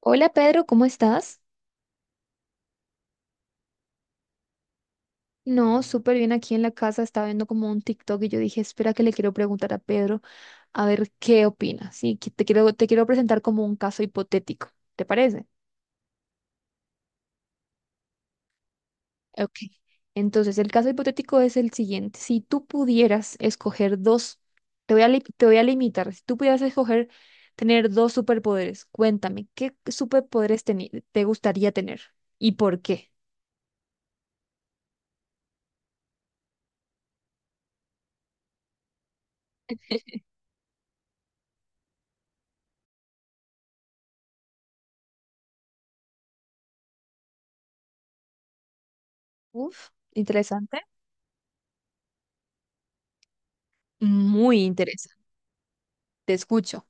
Hola Pedro, ¿cómo estás? No, súper bien aquí en la casa, estaba viendo como un TikTok y yo dije, espera que le quiero preguntar a Pedro a ver qué opina. Sí, que te quiero presentar como un caso hipotético, ¿te parece? Ok. Entonces, el caso hipotético es el siguiente. Si tú pudieras escoger dos, te voy a limitar, si tú pudieras escoger tener dos superpoderes, cuéntame, ¿qué superpoderes te gustaría tener y por qué? Uf, interesante. Muy interesante. Te escucho.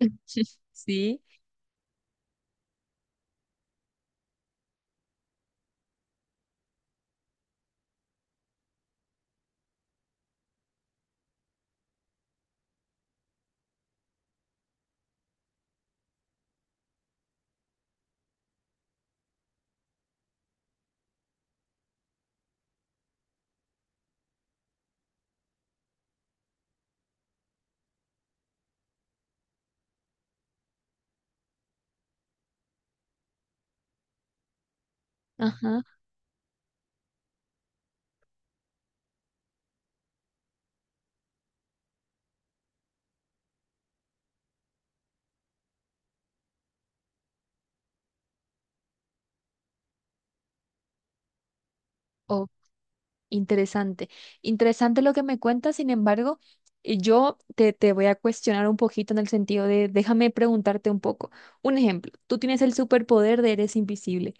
Sí, ajá. Oh, interesante. Interesante lo que me cuentas. Sin embargo, y yo te voy a cuestionar un poquito en el sentido de, déjame preguntarte un poco. Un ejemplo, tú tienes el superpoder de eres invisible.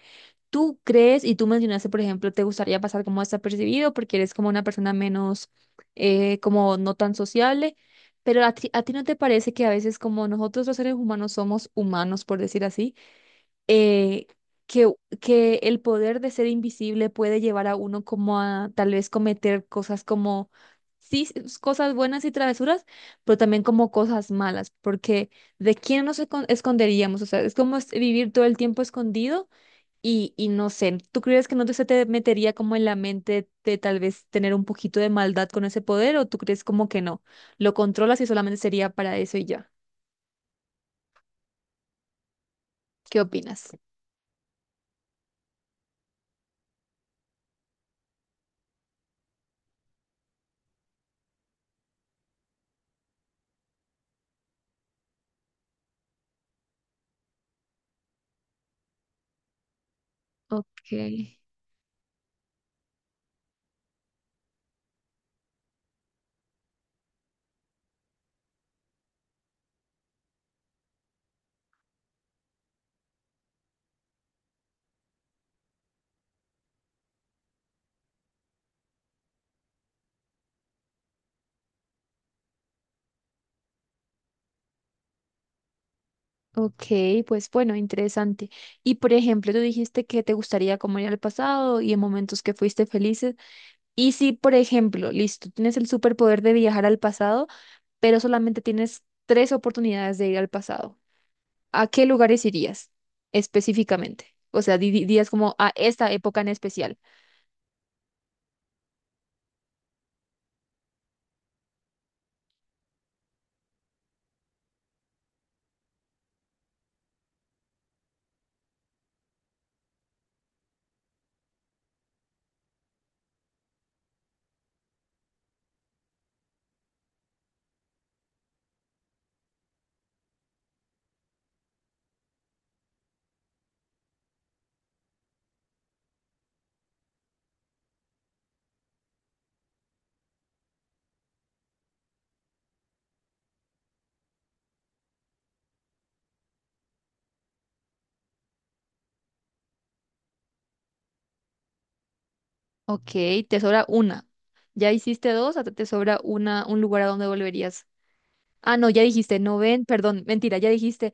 ¿Tú crees, y tú mencionaste, por ejemplo, te gustaría pasar como desapercibido porque eres como una persona menos, como no tan sociable? Pero a ti no te parece que a veces como nosotros los seres humanos somos humanos, por decir así, eh, que, que el poder de ser invisible puede llevar a uno como a tal vez cometer cosas como, sí, cosas buenas y travesuras, pero también como cosas malas, porque ¿de quién esconderíamos? O sea, es como es vivir todo el tiempo escondido y no sé, ¿tú crees que no se te metería como en la mente de tal vez tener un poquito de maldad con ese poder o tú crees como que no? Lo controlas y solamente sería para eso y ya. ¿Qué opinas? Ok. Ok, pues bueno, interesante. Y por ejemplo, tú dijiste que te gustaría como ir al pasado y en momentos que fuiste felices. Y si, por ejemplo, listo, tienes el superpoder de viajar al pasado, pero solamente tienes tres oportunidades de ir al pasado, ¿a qué lugares irías específicamente? O sea, dirías como a esta época en especial. Ok, te sobra una. Ya hiciste dos, hasta te sobra una, un lugar a donde volverías. Ah, no, ya dijiste, no ven, perdón, mentira, ya dijiste.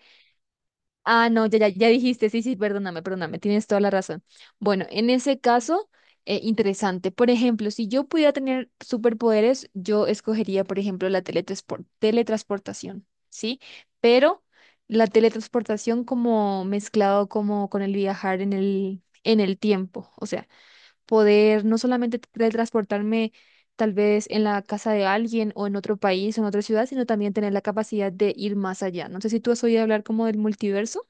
Ah, no, ya, ya, ya dijiste, sí, sí, perdóname, perdóname, tienes toda la razón. Bueno, en ese caso, interesante. Por ejemplo, si yo pudiera tener superpoderes, yo escogería, por ejemplo, la teletransportación, ¿sí? Pero la teletransportación como mezclado como con el viajar en el tiempo, o sea, poder no solamente teletransportarme tal vez en la casa de alguien o en otro país o en otra ciudad, sino también tener la capacidad de ir más allá. No sé si tú has oído hablar como del multiverso.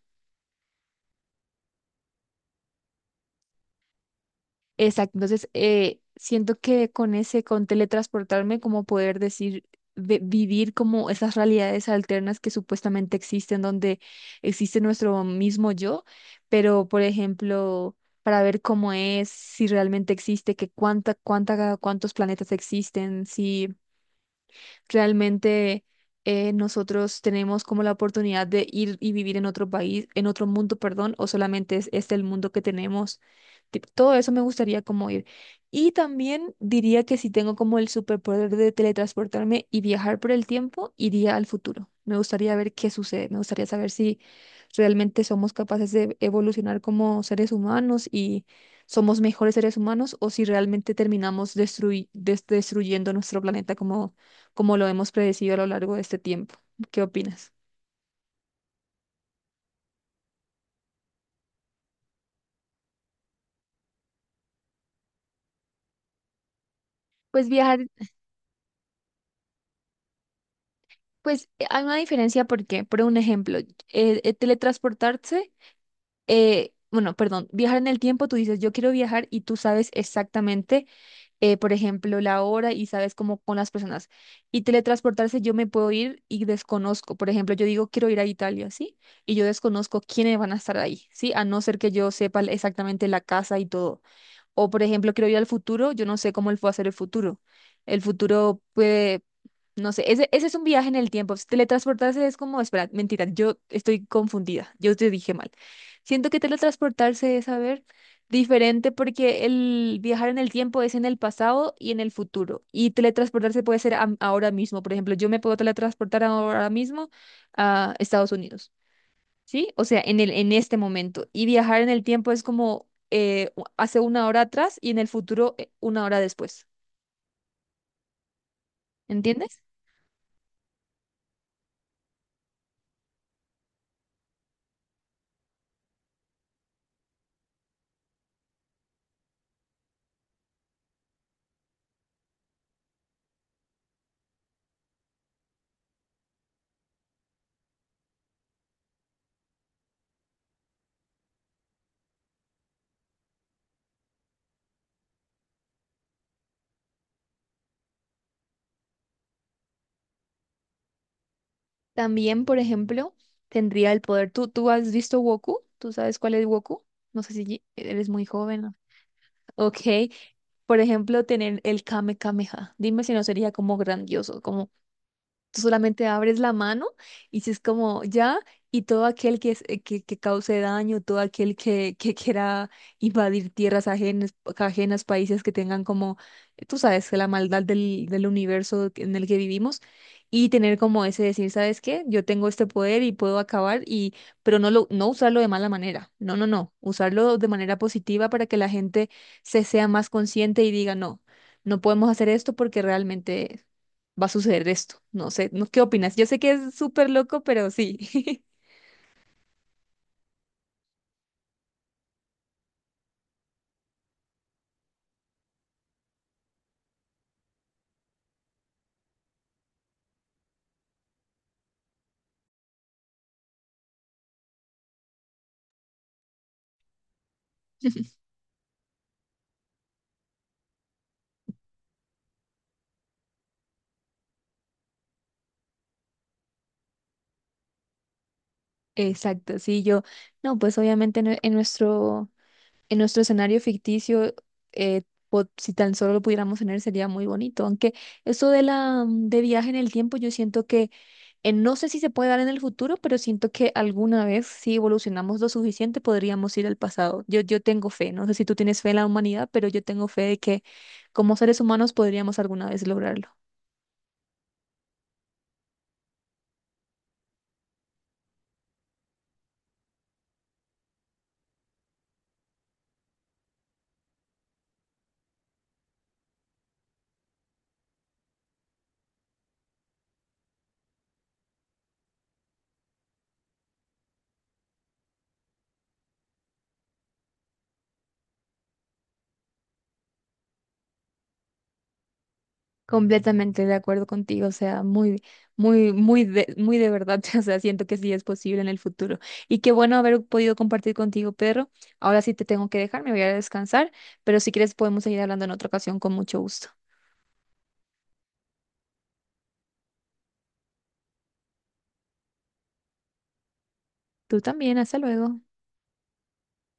Exacto, entonces siento que con ese, con teletransportarme, como poder decir, vivir como esas realidades alternas que supuestamente existen, donde existe nuestro mismo yo, pero por ejemplo, para ver cómo es, si realmente existe, que cuántos planetas existen, si realmente nosotros tenemos como la oportunidad de ir y vivir en otro país, en otro mundo, perdón, o solamente es este el mundo que tenemos. Todo eso me gustaría como ir. Y también diría que si tengo como el superpoder de teletransportarme y viajar por el tiempo, iría al futuro. Me gustaría ver qué sucede, me gustaría saber si realmente somos capaces de evolucionar como seres humanos y somos mejores seres humanos o si realmente terminamos destruyendo nuestro planeta como lo hemos predecido a lo largo de este tiempo. ¿Qué opinas? Pues viajar, pues hay una diferencia porque, por un ejemplo, teletransportarse, bueno, perdón, viajar en el tiempo, tú dices, yo quiero viajar y tú sabes exactamente, por ejemplo, la hora y sabes cómo con las personas. Y teletransportarse, yo me puedo ir y desconozco. Por ejemplo, yo digo, quiero ir a Italia, ¿sí? Y yo desconozco quiénes van a estar ahí, ¿sí? A no ser que yo sepa exactamente la casa y todo. O, por ejemplo, quiero ir al futuro, yo no sé cómo él fue a hacer el futuro. El futuro puede, no sé, ese es un viaje en el tiempo. Si teletransportarse es como, espera, mentira, yo estoy confundida, yo te dije mal. Siento que teletransportarse es, a ver, diferente porque el viajar en el tiempo es en el pasado y en el futuro. Y teletransportarse puede ser ahora mismo. Por ejemplo, yo me puedo teletransportar ahora mismo a Estados Unidos. ¿Sí? O sea, en este momento. Y viajar en el tiempo es como hace una hora atrás y en el futuro una hora después. ¿Entiendes? También, por ejemplo, tendría el poder. Tú has visto Goku? ¿Tú sabes cuál es Goku? No sé si eres muy joven, ¿no? Ok. Por ejemplo, tener el Kame Kameha. Dime si no sería como grandioso. Tú solamente abres la mano y si es como ya, y todo aquel que, que cause daño, todo aquel que quiera invadir tierras ajenas, ajenas, países que tengan como, tú sabes, que la maldad del universo en el que vivimos, y tener como ese decir, ¿sabes qué? Yo tengo este poder y puedo acabar, y, pero no, no usarlo de mala manera, no, no, no, usarlo de manera positiva para que la gente se sea más consciente y diga, no, no podemos hacer esto porque realmente va a suceder esto. No sé, ¿no? ¿Qué opinas? Yo sé que es súper loco, pero sí. Exacto, sí, yo, no, pues obviamente en nuestro escenario ficticio, eh, si tan solo lo pudiéramos tener sería muy bonito, aunque eso de la, de viaje en el tiempo, yo siento que, no sé si se puede dar en el futuro, pero siento que alguna vez, si evolucionamos lo suficiente, podríamos ir al pasado. Yo tengo fe, no sé si tú tienes fe en la humanidad, pero yo tengo fe de que como seres humanos podríamos alguna vez lograrlo. Completamente de acuerdo contigo, o sea, muy, muy, muy de verdad, o sea, siento que sí es posible en el futuro. Y qué bueno haber podido compartir contigo, Pedro. Ahora sí te tengo que dejar, me voy a descansar, pero si quieres podemos seguir hablando en otra ocasión con mucho gusto. Tú también, hasta luego.